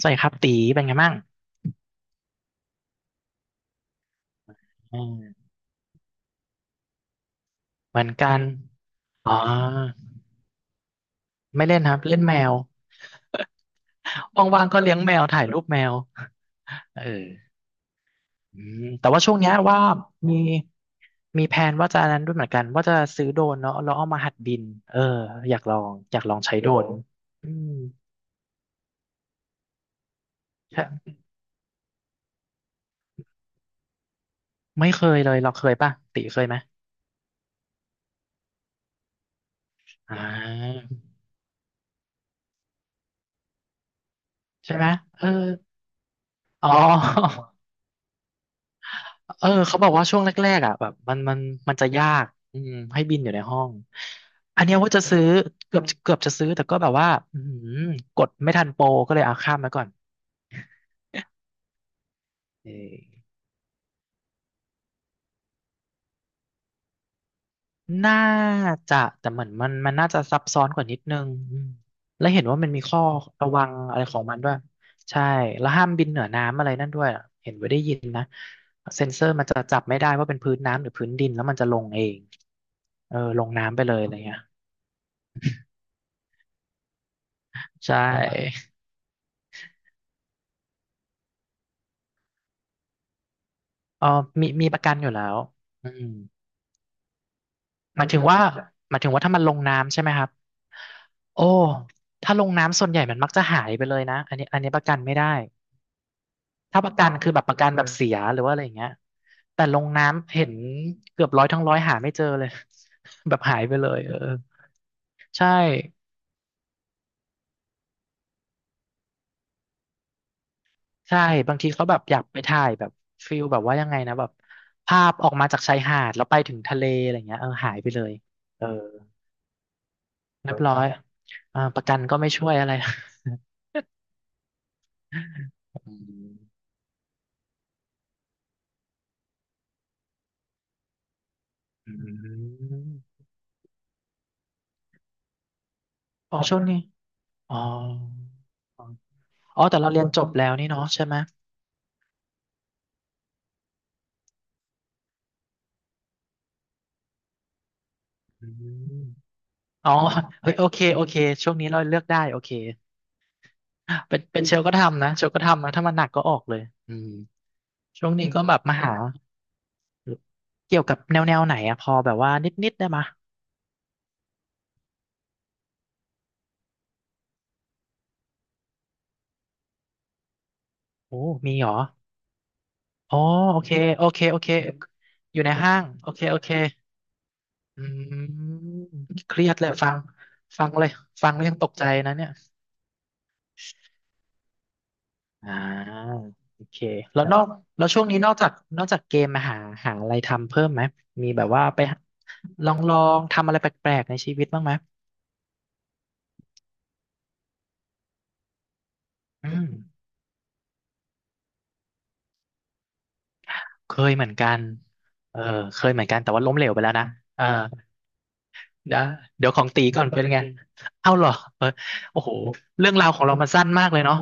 สวัสดีครับตีเป็นไงบ้างอืมเหมือนกันอ๋อไม่เล่นครับเล่นแมวว่างๆก็เลี้ยงแมวถ่ายรูปแมวเอออืมแต่ว่าช่วงเนี้ยว่ามีมีแผนว่าจะนั้นด้วยเหมือนกันว่าจะซื้อโดรนเนาะแล้วเอามาหัดบินเอออยากลองใช้โดรนอืมใช่ไม่เคยเลยเราเคยป่ะตีเคยไหมอ่าใช่ไหมเอออ๋อ เออเขาบอกว่าช่วงแรกๆอ่ะแบบมันจะยากอืมให้บินอยู่ในห้องอันเนี้ยว่าจะซื้อเกือบจะซื้อแต่ก็แบบว่าอืมกดไม่ทันโปรก็เลยเอาข้ามไว้ก่อนเออน่าจะแต่เหมือนมันน่าจะซับซ้อนกว่านิดนึงอืมแล้วเห็นว่ามันมีข้อระวังอะไรของมันด้วยใช่แล้วห้ามบินเหนือน้ำอะไรนั่นด้วยอะเห็นไว้ได้ยินนะเซ็นเซอร์มันจะจับไม่ได้ว่าเป็นพื้นน้ำหรือพื้นดินแล้วมันจะลงเองเออลงน้ำไปเลยอะไรเงี้ยใช่ เออมีประกันอยู่แล้วอืมหมัายนถึงว่าหมายถึงว่าถ้ามันลงน้ำใช่ไหมครับโอ้ถ้าลงน้ำส่วนใหญ่มันมักจะหายไปเลยนะอันนี้ประกันไม่ได้ถ้าประกันคือแบบประกันแบบเสียหรือว่าอะไรอย่างเงี้ยแต่ลงน้ำเห็นเกือบร้อยทั้งร้อยหาไม่เจอเลย แบบหายไปเลยเออใช่ใช่ บางทีเขาแบบอยากไปถ่ายแบบฟิลแบบว่ายังไงนะแบบภาพออกมาจากชายหาดแล้วไปถึงทะเลอะไรเงี้ยเออหายไปเลยเออ เรียบร้อยอ่าประกันก็ไม่ช่วยอะไร อืมอืมอ๋อช่วงนี้อ๋ออ๋อแต่เราเรียนจบแล้วนี่เนาะใช่ไหมอืมอ๋อเฮ้ยโอเคโอเคช่วงนี้เราเลือกได้โอเคเป็นเป็นเชลก็ทำนะเชลก็ทำนะถ้ามันหนักก็ออกเลยอืมช่วงนี้ก็แบบมาหาเกี่ยวกับแนวแนวไหนอะพอแบบว่านิดนิดได้มะโอ้มีเหรออ๋อโอเคโอเคโอเคอยู่ในห้างโอเคโอเค อืมเครียดเลยฟังฟังเลยฟังแล้วยังตกใจนะเนี่ยอ่าโอเคแล้วนอกแล้วช่วงนี้นอกจากนอกจากเกมมาหาหาอะไรทำเพิ่มไหมมีแบบว่าไปหาลองลองทำอะไรแปลกๆในชีวิตบ้างไหมอืมเคยเหมือนกันเออเคยเหมือนกันแต่ว่าล้มเหลวไปแล้วนะเออเดี๋ยวเดี๋ยวของตีก่อนเป็นไง เอ้าเหรอเออโอ้โหเรื่องราวของเรามันสั้นมากเลยเนาะ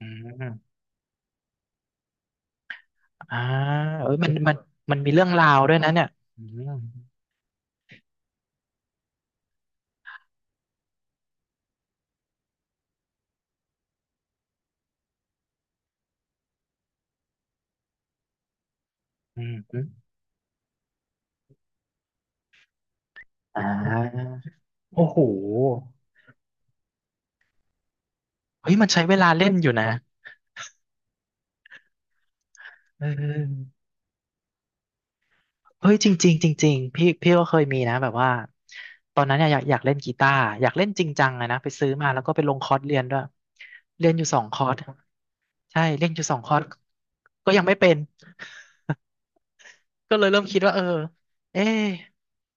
อืม อ่าเอ้ยมันมีเรื่องราวด้วยนะเนี่ยอืมอืมอมอ่าโอ้โหเฮ้ยมันใช้เวลาเล่นอยู่นะเออเฮ้ยจริงๆจริงๆพี่ก็เคยมีนะแบบว่าตอนนั้นเนี่ยอยากเล่นกีตาร์อยากเล่นจริงจังอะนะไปซื้อมาแล้วก็ไปลงคอร์สเรียนด้วยเรียนอยู่สองคอร์สใช่เล่นอยู่สองคอร์สก็ยังไม่เป็น ก็เลยเริ่มคิดว่าเออเอ๊ะ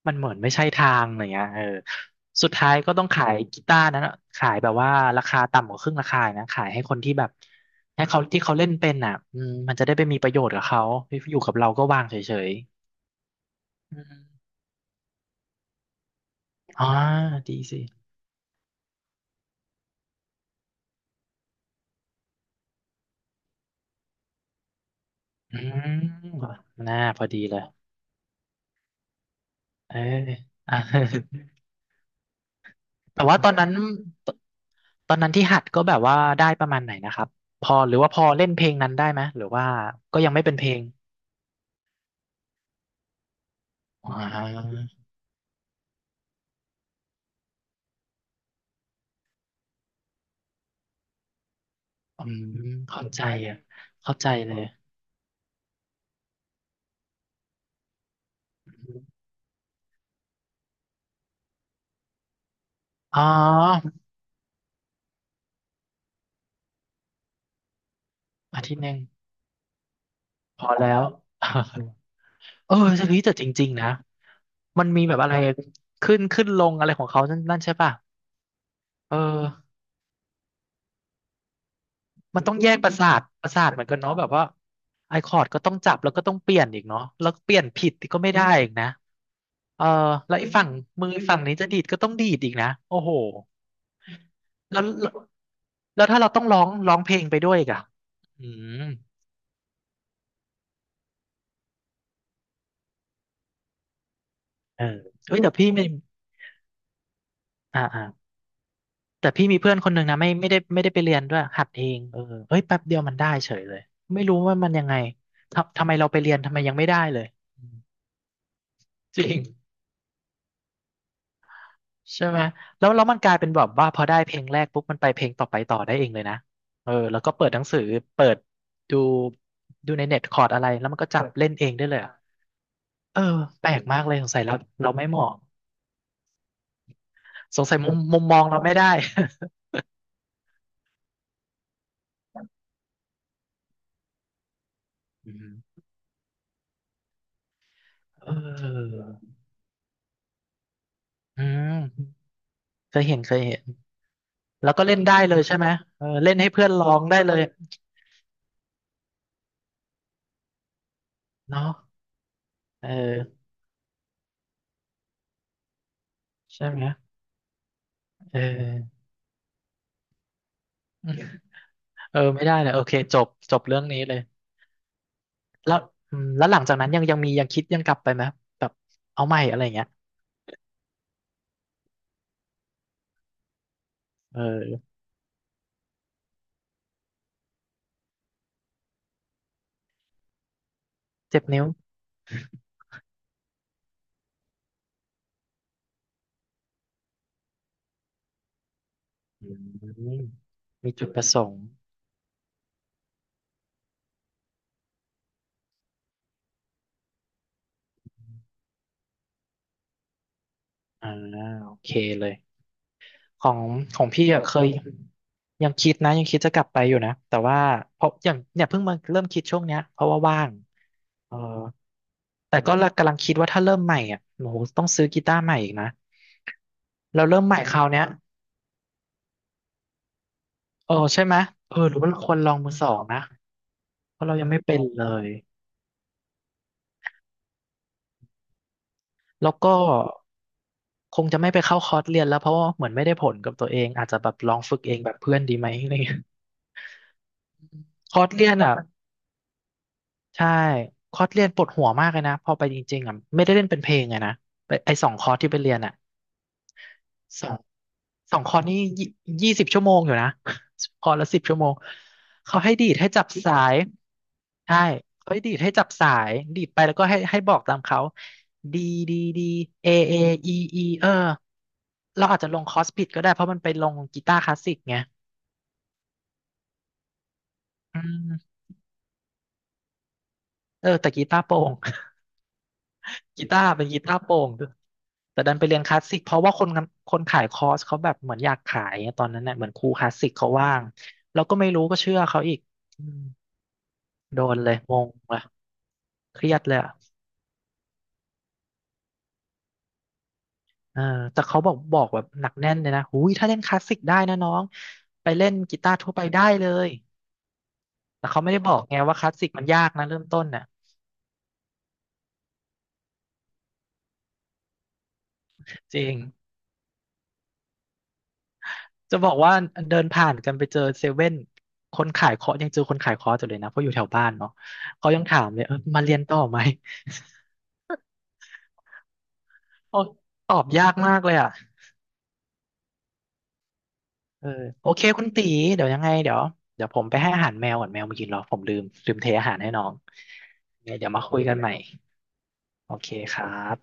มันเหมือนไม่ใช่ทางอะไรเงี้ยเออสุดท้ายก็ต้องขายกีตาร์นั้นอะขายแบบว่าราคาต่ำกว่าครึ่งราคานะขายให้คนที่แบบให้เขาที่เขาเล่นเป็นอ่ะอืมมันจะได้ไปมีประโยชน์กับเขาอยู่กับเราก็วางเฉยๆอืมอ๋อดีสิอืมน่าพอดีเลยเอออ่ะ แต่ว่าตอนนั้นตตอนนั้นที่หัดก็แบบว่าได้ประมาณไหนนะครับพอหรือว่าพอเล่นเพลงนั้นได้ไหมหรือว่าก็ยังไม่เป็นเพลง อ๋ออืมเข้าใจอ่ะเข้าใจเลยอ๋ออาทิตย์หนึ่งพอแล้ว เออจะนี้ยแต่จริงๆนะมันมีแบบอะไรขึ้นลงอะไรของเขานั่นใช่ป่ะเออมันต้องแยกประสาทเหมือนกันเนาะแบบว่าไอคอร์ดก็ต้องจับแล้วก็ต้องเปลี่ยนอีกเนาะแล้วเปลี่ยนผิดก็ไม่ได้อีกนะเออแล้วไอ้ฝั่งมือฝั่งนี้จะดีดก็ต้องดีดอีกนะโอ้โหแล้วแล้วแล้วถ้าเราต้องร้องร้องเพลงไปด้วยอีกอะอืม เออเฮ้ยแต่พี่ไม่อ่าอ่าแต่พี่มีเพื่อนคนหนึ่งนะไม่ได้ไปเรียนด้วยหัดเองเออเฮ้ยแป๊บเดียวมันได้เฉยเลยไม่รู้ว่ามันยังไงทำไมเราไปเรียนทำไมยังไม่ได้เลยอืมจริงใช่ไหมแล้วมันกลายเป็นแบบว่าพอได้เพลงแรกปุ๊บมันไปเพลงต่อไปต่อได้เองเลยนะเออแล้วก็เปิดหนังสือเปิดดูดูในเน็ตคอร์ดอะไรแล้วมันก็จับเล่นเองได้เลยอะเออแปลกมากเลยสงสัยเราเราไม่เหมาะสงสัยมุมมองเราไม่ได้อืมเอออืม เคยเห็นเคยเห็นแล้วก็เล่นได้เลยใช่ไหมเออเล่นให้เพื่อนร้องได้เลยเนาะเออใช่ไหมเออเออไม่ได้เลยโอเคจบจบเรื่องนี้เลยแล้วอืมแล้วหลังจากนั้นยังมียังคิดยังกลับไปไหมแบบเอาใหม่อะไรอย่างเงี้ยเออเจ็บนิ้วอืมมีจุดประสงค์อ่าโอเคเลยของของพี่อะเคยยังคิดนะยังคิดจะกลับไปอยู่นะแต่ว่าเพราะอย่างเนี่ยเพิ่งมาเริ่มคิดช่วงเนี้ยเพราะว่าว่างเออ แต่ก็กำลังคิดว่าถ้าเริ่มใหม่อ่ะโอ้โหต้องซื้อกีตาร์ใหม่อีกนะเราเริ่มใหม่คราวเนี้ยเออใช่ไหมเออหรือว่าเราควรลองมือสองนะเพราะเรายังไม่เป็นเลยแล้วก็คงจะไม่ไปเข้าคอร์สเรียนแล้วเพราะว่าเหมือนไม่ได้ผลกับตัวเองอาจจะแบบลองฝึกเองแบบเพื่อนดีไหมอะไรเงี้ยคอร์สเรียนอ่ะใช่คอร์สเรียนปวดหัวมากเลยนะพอไปจริงๆอ่ะไม่ได้เล่นเป็นเพลงไงนะไปไอสองคอร์สที่ไปเรียนอ่ะ สองสองคอร์สนี่20 ชั่วโมงอยู่นะ คอร์สละ10 ชั่วโมงเขาให้ดีดให้จับสายใช่เขาให้ดีดให้จับสายดีดไปแล้วก็ให้ให้บอกตามเขาดีดีดีเอเออีอีเออเราอาจจะลงคอร์สผิดก็ได้เพราะมันไปลงกีตาร์คลาสสิกไงอืมเออแต่กีตาร์โปร่ง กีตาร์เป็นกีตาร์โปร่งด้วยแต่ดันไปเรียนคลาสสิกเพราะว่าคนคนขายคอร์สเขาแบบเหมือนอยากขายงตอนนั้นเนี่ยเหมือนครูคลาสสิกเขาว่างเราก็ไม่รู้ก็เชื่อเขาอีกอืมโดนเลยงงเลยเครียดเลยอะเออแต่เขาบอกแบบหนักแน่นเลยนะหุยถ้าเล่นคลาสสิกได้นะน้องไปเล่นกีตาร์ทั่วไปได้เลยแต่เขาไม่ได้บอกไงว่าคลาสสิกมันยากนะเริ่มต้นน่ะจริง จะบอกว่าเดินผ่านกันไปเจอเซเว่นคนขายเคาะยังเจอคนขายเคาะอยู่เลยนะเพราะอยู่แถวบ้านเนาะเขายังถามเลยเออมาเรียนต่อไหม โอ้ตอบยากมากเลยอ่ะเออโอเคคุณตีเดี๋ยวยังไงเดี๋ยวเดี๋ยวผมไปให้อาหารแมวก่อนแมวมากินเหรอผมลืมเทอาหารให้น้องยังไงเดี๋ยวมาคุยกันใหม่โอเคครับ